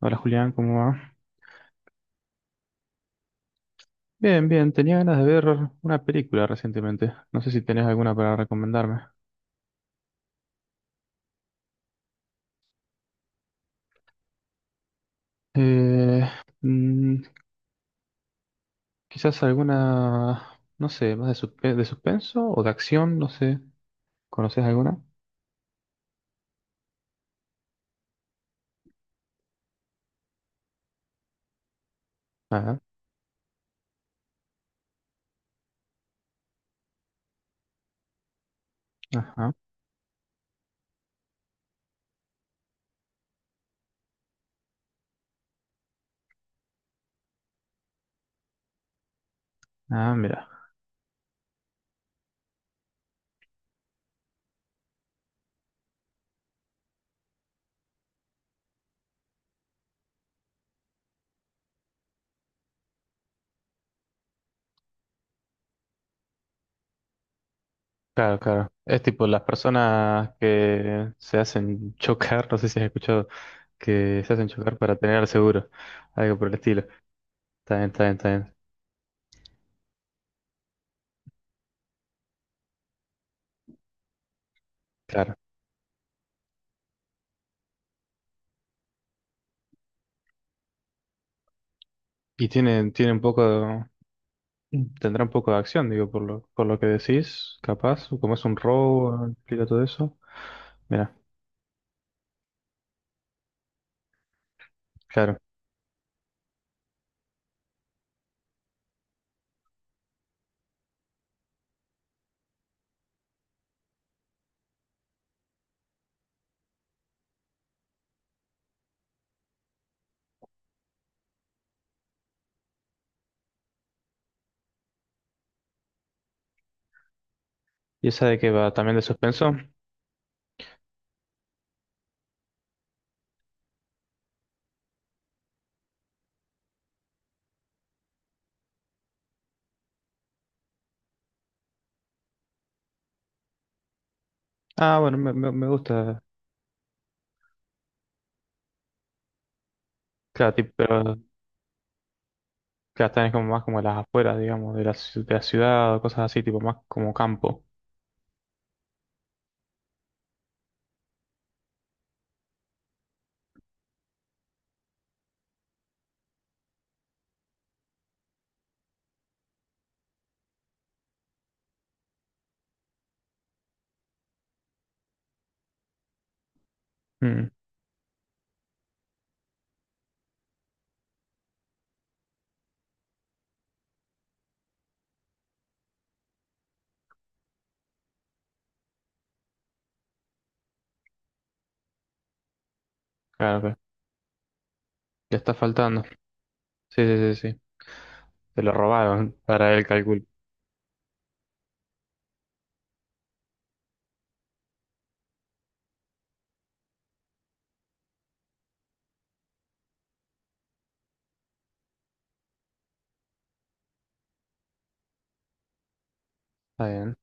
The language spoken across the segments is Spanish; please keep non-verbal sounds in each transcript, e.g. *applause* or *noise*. Hola Julián, ¿cómo va? Bien, tenía ganas de ver una película recientemente. No sé si tenés alguna para recomendarme. Eh, mm, quizás alguna, no sé, de suspenso o de acción, no sé. ¿Conoces alguna? Ajá, ajá. Ah, mira. Claro, claro. Es tipo las personas que se hacen chocar, *laughs* no sé si has escuchado, que se hacen chocar para tener el seguro. Algo por el estilo. Está bien, está bien, está bien. Claro. Y tiene un poco. Mm. Tendrá un poco de acción, digo, por lo que decís, capaz, o como es un robo, explica todo eso. Mira, claro. ¿Y esa de qué va? ¿También de suspenso? Ah, bueno, me gusta. Claro, tipo, pero claro, también es como más como las afueras, digamos, de la ciudad o cosas así, tipo más como campo. Mm, claro, que le está faltando. Sí, sí, sí, sí. Se lo robaron *laughs* para el cálculo. Está bien.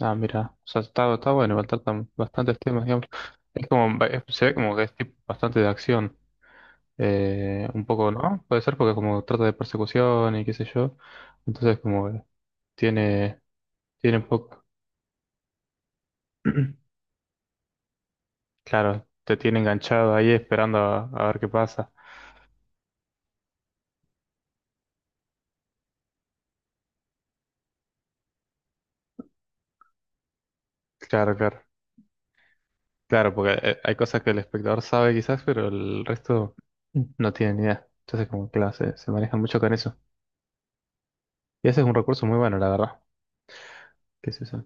Ah, mira, o sea, está bueno, faltan bastantes temas, digamos. Es como, se ve como que es tipo bastante de acción. Un poco, ¿no? Puede ser porque como trata de persecución y qué sé yo. Entonces como tiene, tiene un poco, claro, te tiene enganchado ahí esperando a ver qué pasa. Claro, claro. Claro, porque hay cosas que el espectador sabe quizás, pero el resto no tiene ni idea. Entonces como, claro, se manejan mucho con eso. Y ese es un recurso muy bueno, la verdad. ¿Qué es eso?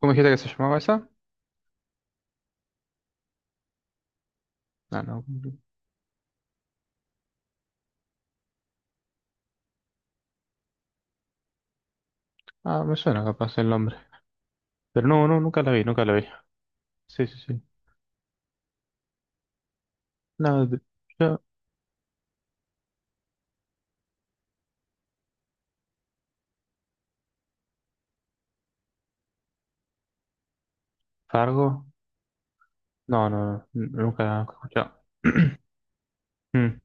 ¿Cómo dijiste que se llamaba esa? Ah, no. Ah, me suena capaz el nombre. Pero nunca la vi, nunca la vi. Sí, sí, sí. No, de- yo, Fargo. Nunca he escuchado. *clears throat* Mm,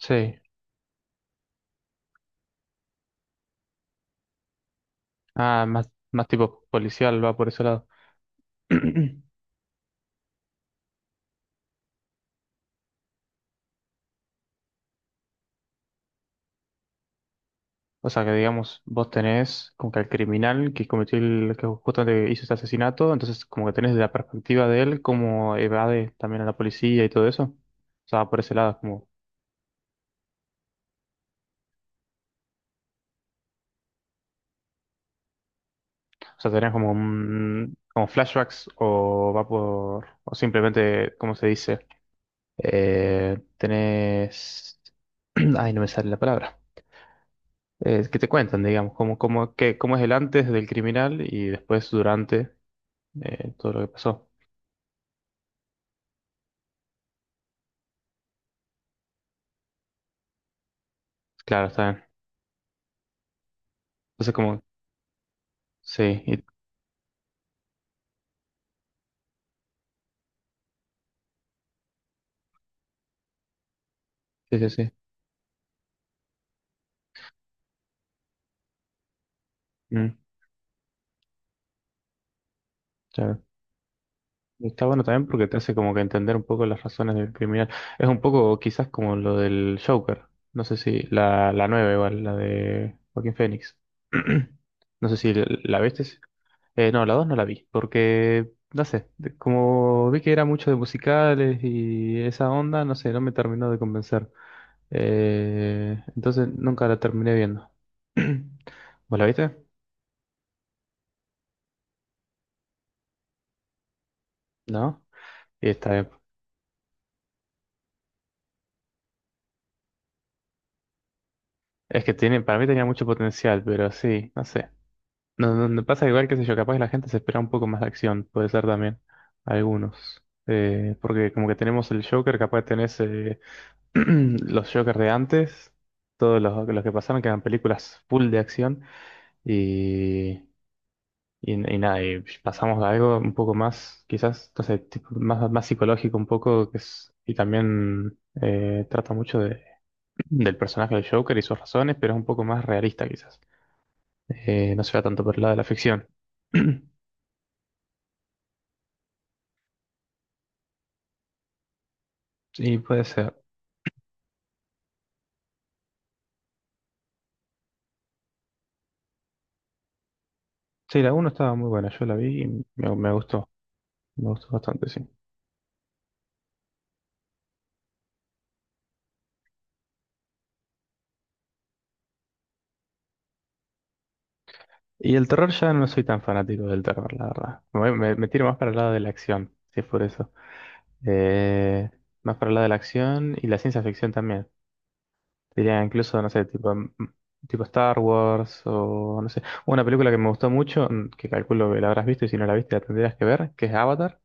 sí. Ah, más, más tipo policial, va por ese lado. *clears throat* O sea que digamos, vos tenés como que al criminal que cometió el, que justamente hizo este asesinato, entonces como que tenés la perspectiva de él, como evade también a la policía y todo eso. O sea, va por ese lado, es como, o sea, tenés como como flashbacks o va por, o simplemente, ¿cómo se dice? Tenés, *clears throat* ay, no me sale la palabra. Que te cuentan, digamos, cómo es el antes del criminal y después durante todo lo que pasó. Claro, está bien. Entonces, como, sí, y- sí, sí, sí. Mm, claro. Y está bueno también porque te hace como que entender un poco las razones del criminal. Es un poco quizás como lo del Joker. No sé si la nueva igual, la de Joaquín Phoenix. *clears throat* No sé si la viste. No, la 2 no la vi, porque, no sé, como vi que era mucho de musicales y esa onda, no sé, no me terminó de convencer. Entonces nunca la terminé viendo. *clears throat* ¿Vos la viste? ¿No? Y está bien. Es que tiene, para mí tenía mucho potencial, pero sí, no sé. No, no, no pasa igual, qué sé yo, capaz la gente se espera un poco más de acción, puede ser también, algunos. Porque como que tenemos el Joker, capaz tenés... *clears throat* los Jokers de antes, todos los que pasaron, que eran películas full de acción, y, y nada, y pasamos a algo un poco más, quizás, no sé, tipo, más psicológico un poco, que es, y también trata mucho del personaje del Joker y sus razones, pero es un poco más realista quizás. No se va tanto por el lado de la ficción. *clears throat* Sí, puede ser. Sí, la uno estaba muy buena, yo la vi y me, me gustó, me gustó bastante, sí. Y el terror ya no soy tan fanático del terror, la verdad. Me tiro más para el lado de la acción, si es por eso. Eh, Más para el lado de la acción y la ciencia ficción también. Diría incluso, no sé, tipo, mm, tipo Star Wars o no sé. Una película que me gustó mucho, mm, que calculo que la habrás visto y si no la viste la tendrías que ver, que es Avatar.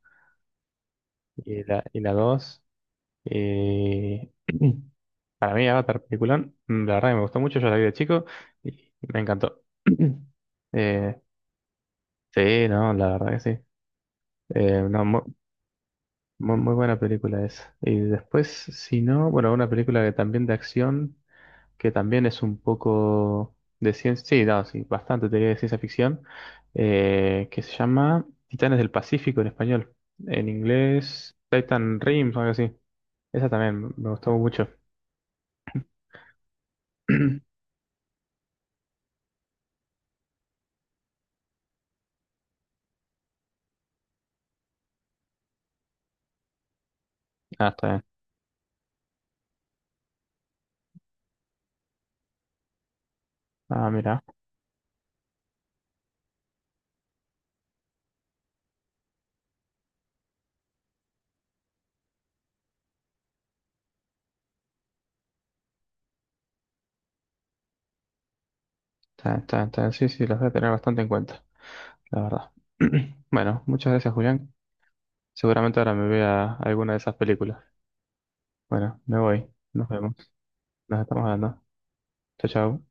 Y y la 2. eh, *clears throat* para mí Avatar, peliculón, mm, la verdad que me gustó mucho, yo la vi de chico y me encantó. *clears throat* Eh, sí, no, la verdad que sí. No, muy buena película esa. Y después, si no, bueno, una película que también de acción, que también es un poco de ciencia, sí, no, sí, bastante teoría de ciencia ficción, que se llama Titanes del Pacífico en español. En inglés, Titan Rim, o algo así. Esa también me gustó mucho. *clears throat* Ah, está bien. Ah, mira. Está bien, está bien, está bien. Sí, sí, las voy a tener bastante en cuenta, la verdad. *clears throat* Bueno, muchas gracias, Julián. Seguramente ahora me vea alguna de esas películas. Bueno, me voy. Nos vemos. Nos estamos hablando. Chao, chao.